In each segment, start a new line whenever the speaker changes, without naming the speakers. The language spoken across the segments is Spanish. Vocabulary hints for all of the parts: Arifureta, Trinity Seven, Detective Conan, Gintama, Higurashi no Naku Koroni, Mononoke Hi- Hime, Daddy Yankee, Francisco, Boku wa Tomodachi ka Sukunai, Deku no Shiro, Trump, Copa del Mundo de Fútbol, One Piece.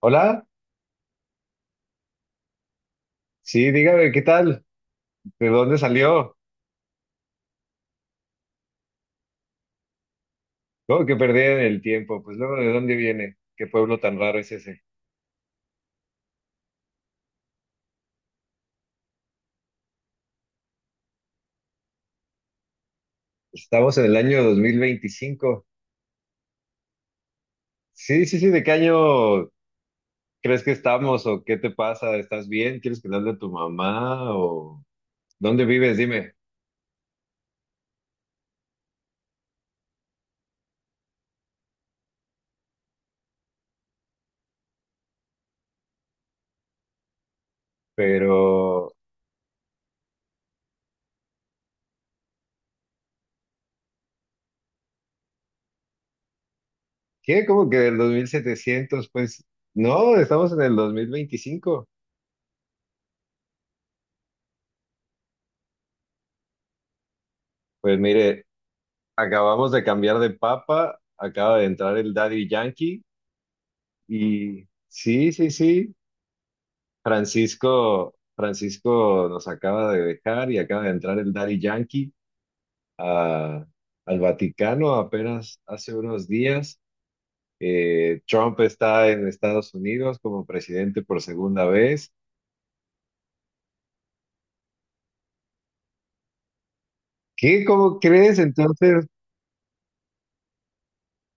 Hola, sí, dígame, ¿qué tal? ¿De dónde salió? ¿Cómo que perdí el tiempo? Pues luego, ¿de dónde viene? ¿Qué pueblo tan raro es ese? Estamos en el año 2025. Sí, sí, sí, ¿de qué año crees que estamos o qué te pasa? ¿Estás bien? ¿Quieres que le hable a tu mamá o dónde vives? Dime. Pero, ¿qué? ¿Cómo que del dos mil setecientos? Pues no, estamos en el 2025. Pues mire, acabamos de cambiar de papa, acaba de entrar el Daddy Yankee. Y sí, sí, sí. Francisco, Francisco nos acaba de dejar y acaba de entrar el Daddy Yankee a- al Vaticano apenas hace unos días. Trump está en Estados Unidos como presidente por segunda vez. ¿Qué? ¿Cómo crees? Entonces,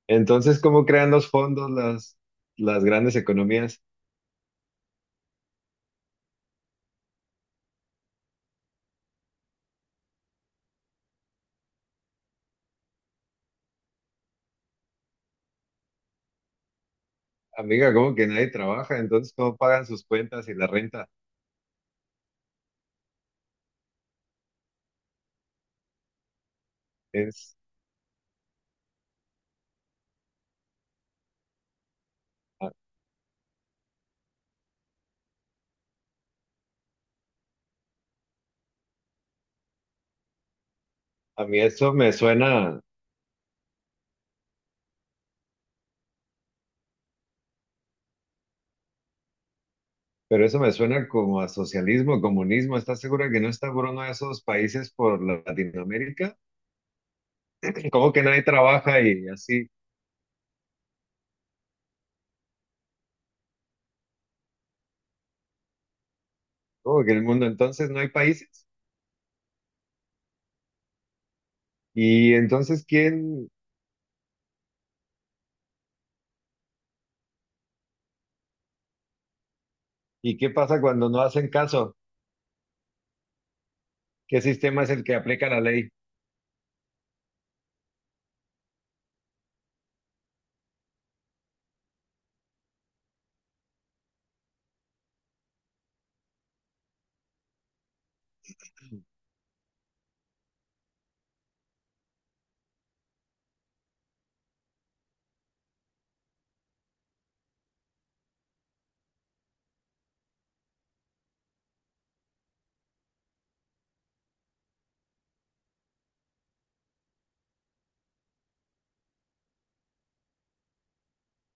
entonces, ¿cómo crean los fondos las grandes economías? Amiga, ¿cómo que nadie trabaja? Entonces, ¿cómo pagan sus cuentas y la renta? Es, a a mí eso me suena. Pero eso me suena como a socialismo, comunismo. ¿Estás segura que no está por uno de esos países por Latinoamérica? ¿Cómo que nadie trabaja y así? ¿Cómo que en el mundo entonces no hay países? ¿Y entonces quién? ¿Y qué pasa cuando no hacen caso? ¿Qué sistema es el que aplica la ley?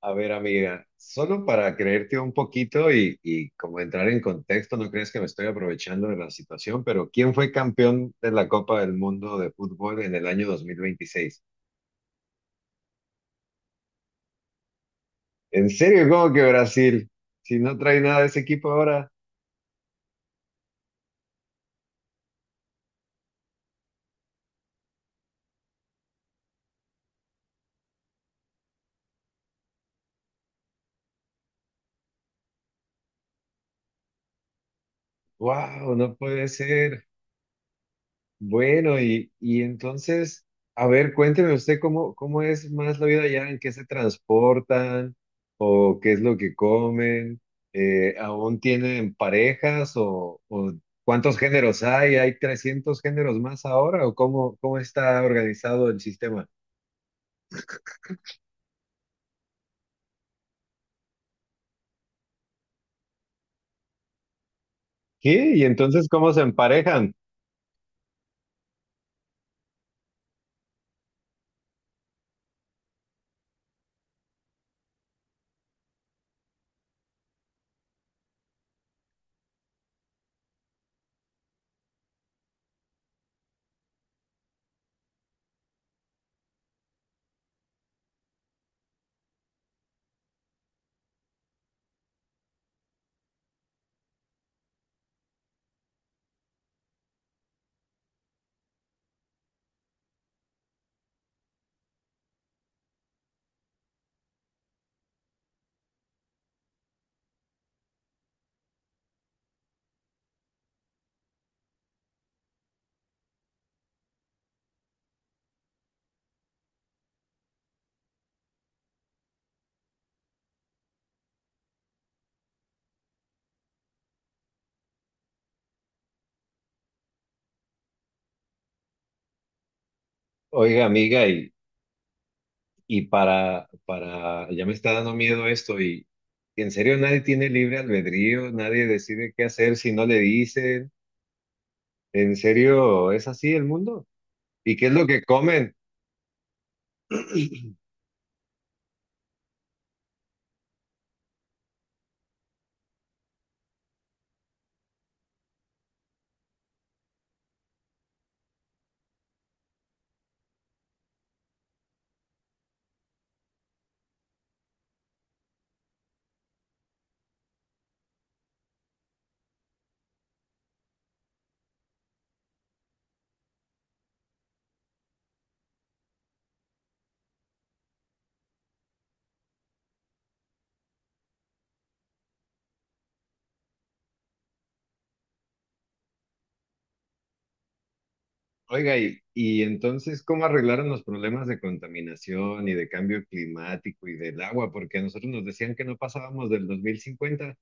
A ver, amiga, solo para creerte un poquito y como entrar en contexto, no crees que me estoy aprovechando de la situación, pero ¿quién fue campeón de la Copa del Mundo de Fútbol en el año 2026? ¿En serio? ¿Cómo que Brasil? Si no trae nada de ese equipo ahora, wow, no puede ser. Bueno, y entonces, a ver, cuénteme usted cómo, cómo es más la vida allá, ¿en qué se transportan o qué es lo que comen? ¿Aún tienen parejas o cuántos géneros hay? ¿Hay 300 géneros más ahora o cómo, cómo está organizado el sistema? ¿Qué? ¿Y entonces cómo se emparejan? Oiga, amiga, y para, ya me está dando miedo esto y en serio nadie tiene libre albedrío, nadie decide qué hacer si no le dicen, en serio es así el mundo. ¿Y qué es lo que comen? Oiga, y entonces, ¿cómo arreglaron los problemas de contaminación y de cambio climático y del agua? Porque a nosotros nos decían que no pasábamos del dos mil cincuenta.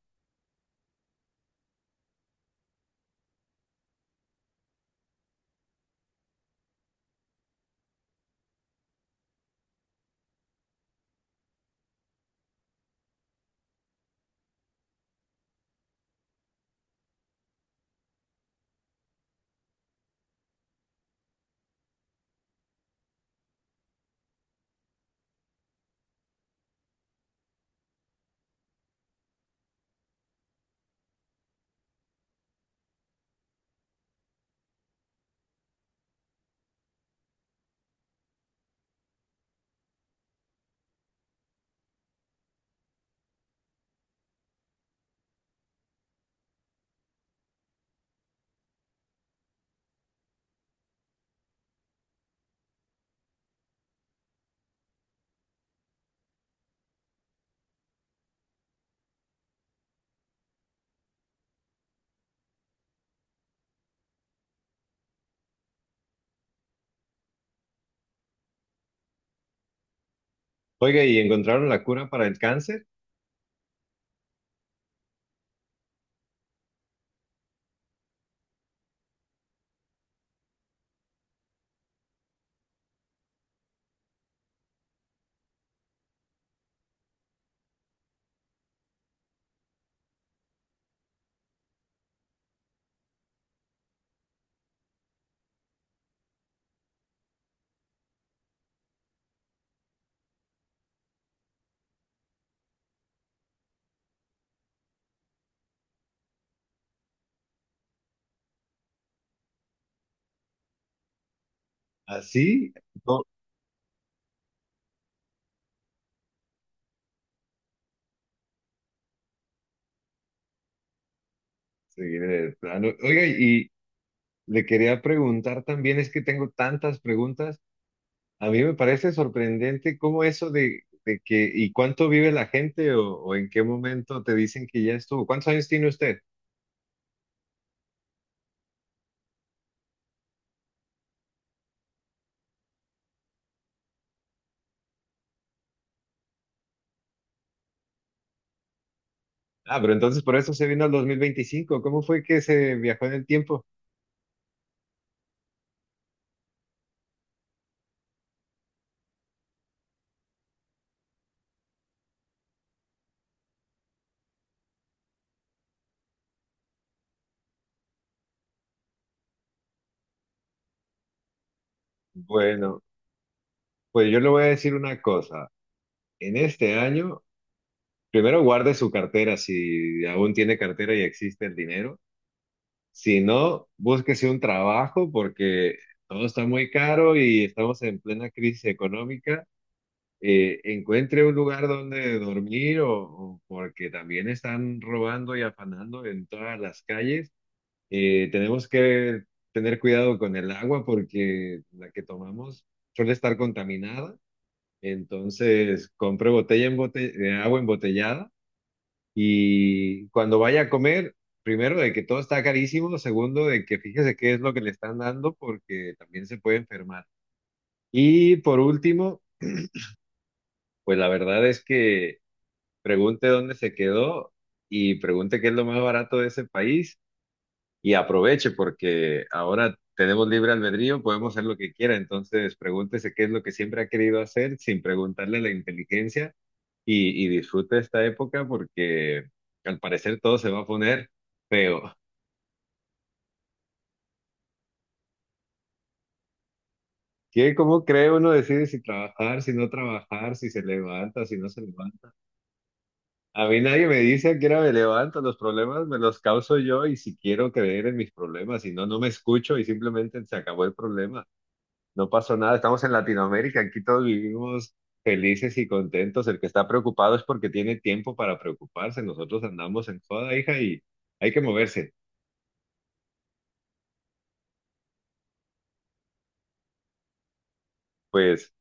Oiga, ¿y encontraron la cura para el cáncer? ¿Así? No, sí, de plano. Oiga, y le quería preguntar también, es que tengo tantas preguntas. A mí me parece sorprendente cómo eso de que, ¿y cuánto vive la gente o en qué momento te dicen que ya estuvo? ¿Cuántos años tiene usted? Ah, pero entonces por eso se vino al 2025. ¿Cómo fue que se viajó en el tiempo? Bueno, pues yo le voy a decir una cosa. En este año, primero guarde su cartera si aún tiene cartera y existe el dinero. Si no, búsquese un trabajo porque todo está muy caro y estamos en plena crisis económica. Encuentre un lugar donde dormir o porque también están robando y afanando en todas las calles. Tenemos que tener cuidado con el agua porque la que tomamos suele estar contaminada. Entonces, compre botella de agua embotellada y cuando vaya a comer, primero de que todo está carísimo, segundo de que fíjese qué es lo que le están dando porque también se puede enfermar. Y por último, pues la verdad es que pregunte dónde se quedó y pregunte qué es lo más barato de ese país y aproveche porque ahora tenemos libre albedrío, podemos hacer lo que quiera, entonces pregúntese qué es lo que siempre ha querido hacer sin preguntarle a la inteligencia y disfrute esta época porque al parecer todo se va a poner feo. ¿Qué? ¿Cómo cree? Uno decide si trabajar, si no trabajar, si se levanta, si no se levanta. A mí nadie me dice que era me levanto, los problemas me los causo yo y si quiero creer en mis problemas, si no, no me escucho y simplemente se acabó el problema. No pasó nada, estamos en Latinoamérica, aquí todos vivimos felices y contentos. El que está preocupado es porque tiene tiempo para preocuparse. Nosotros andamos en joda, hija, y hay que moverse. Pues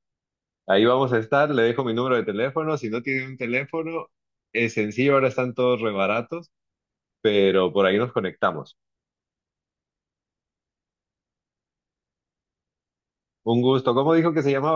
ahí vamos a estar, le dejo mi número de teléfono. Si no tiene un teléfono, es sencillo, ahora están todos rebaratos, pero por ahí nos conectamos. Un gusto. ¿Cómo dijo que se llamaba?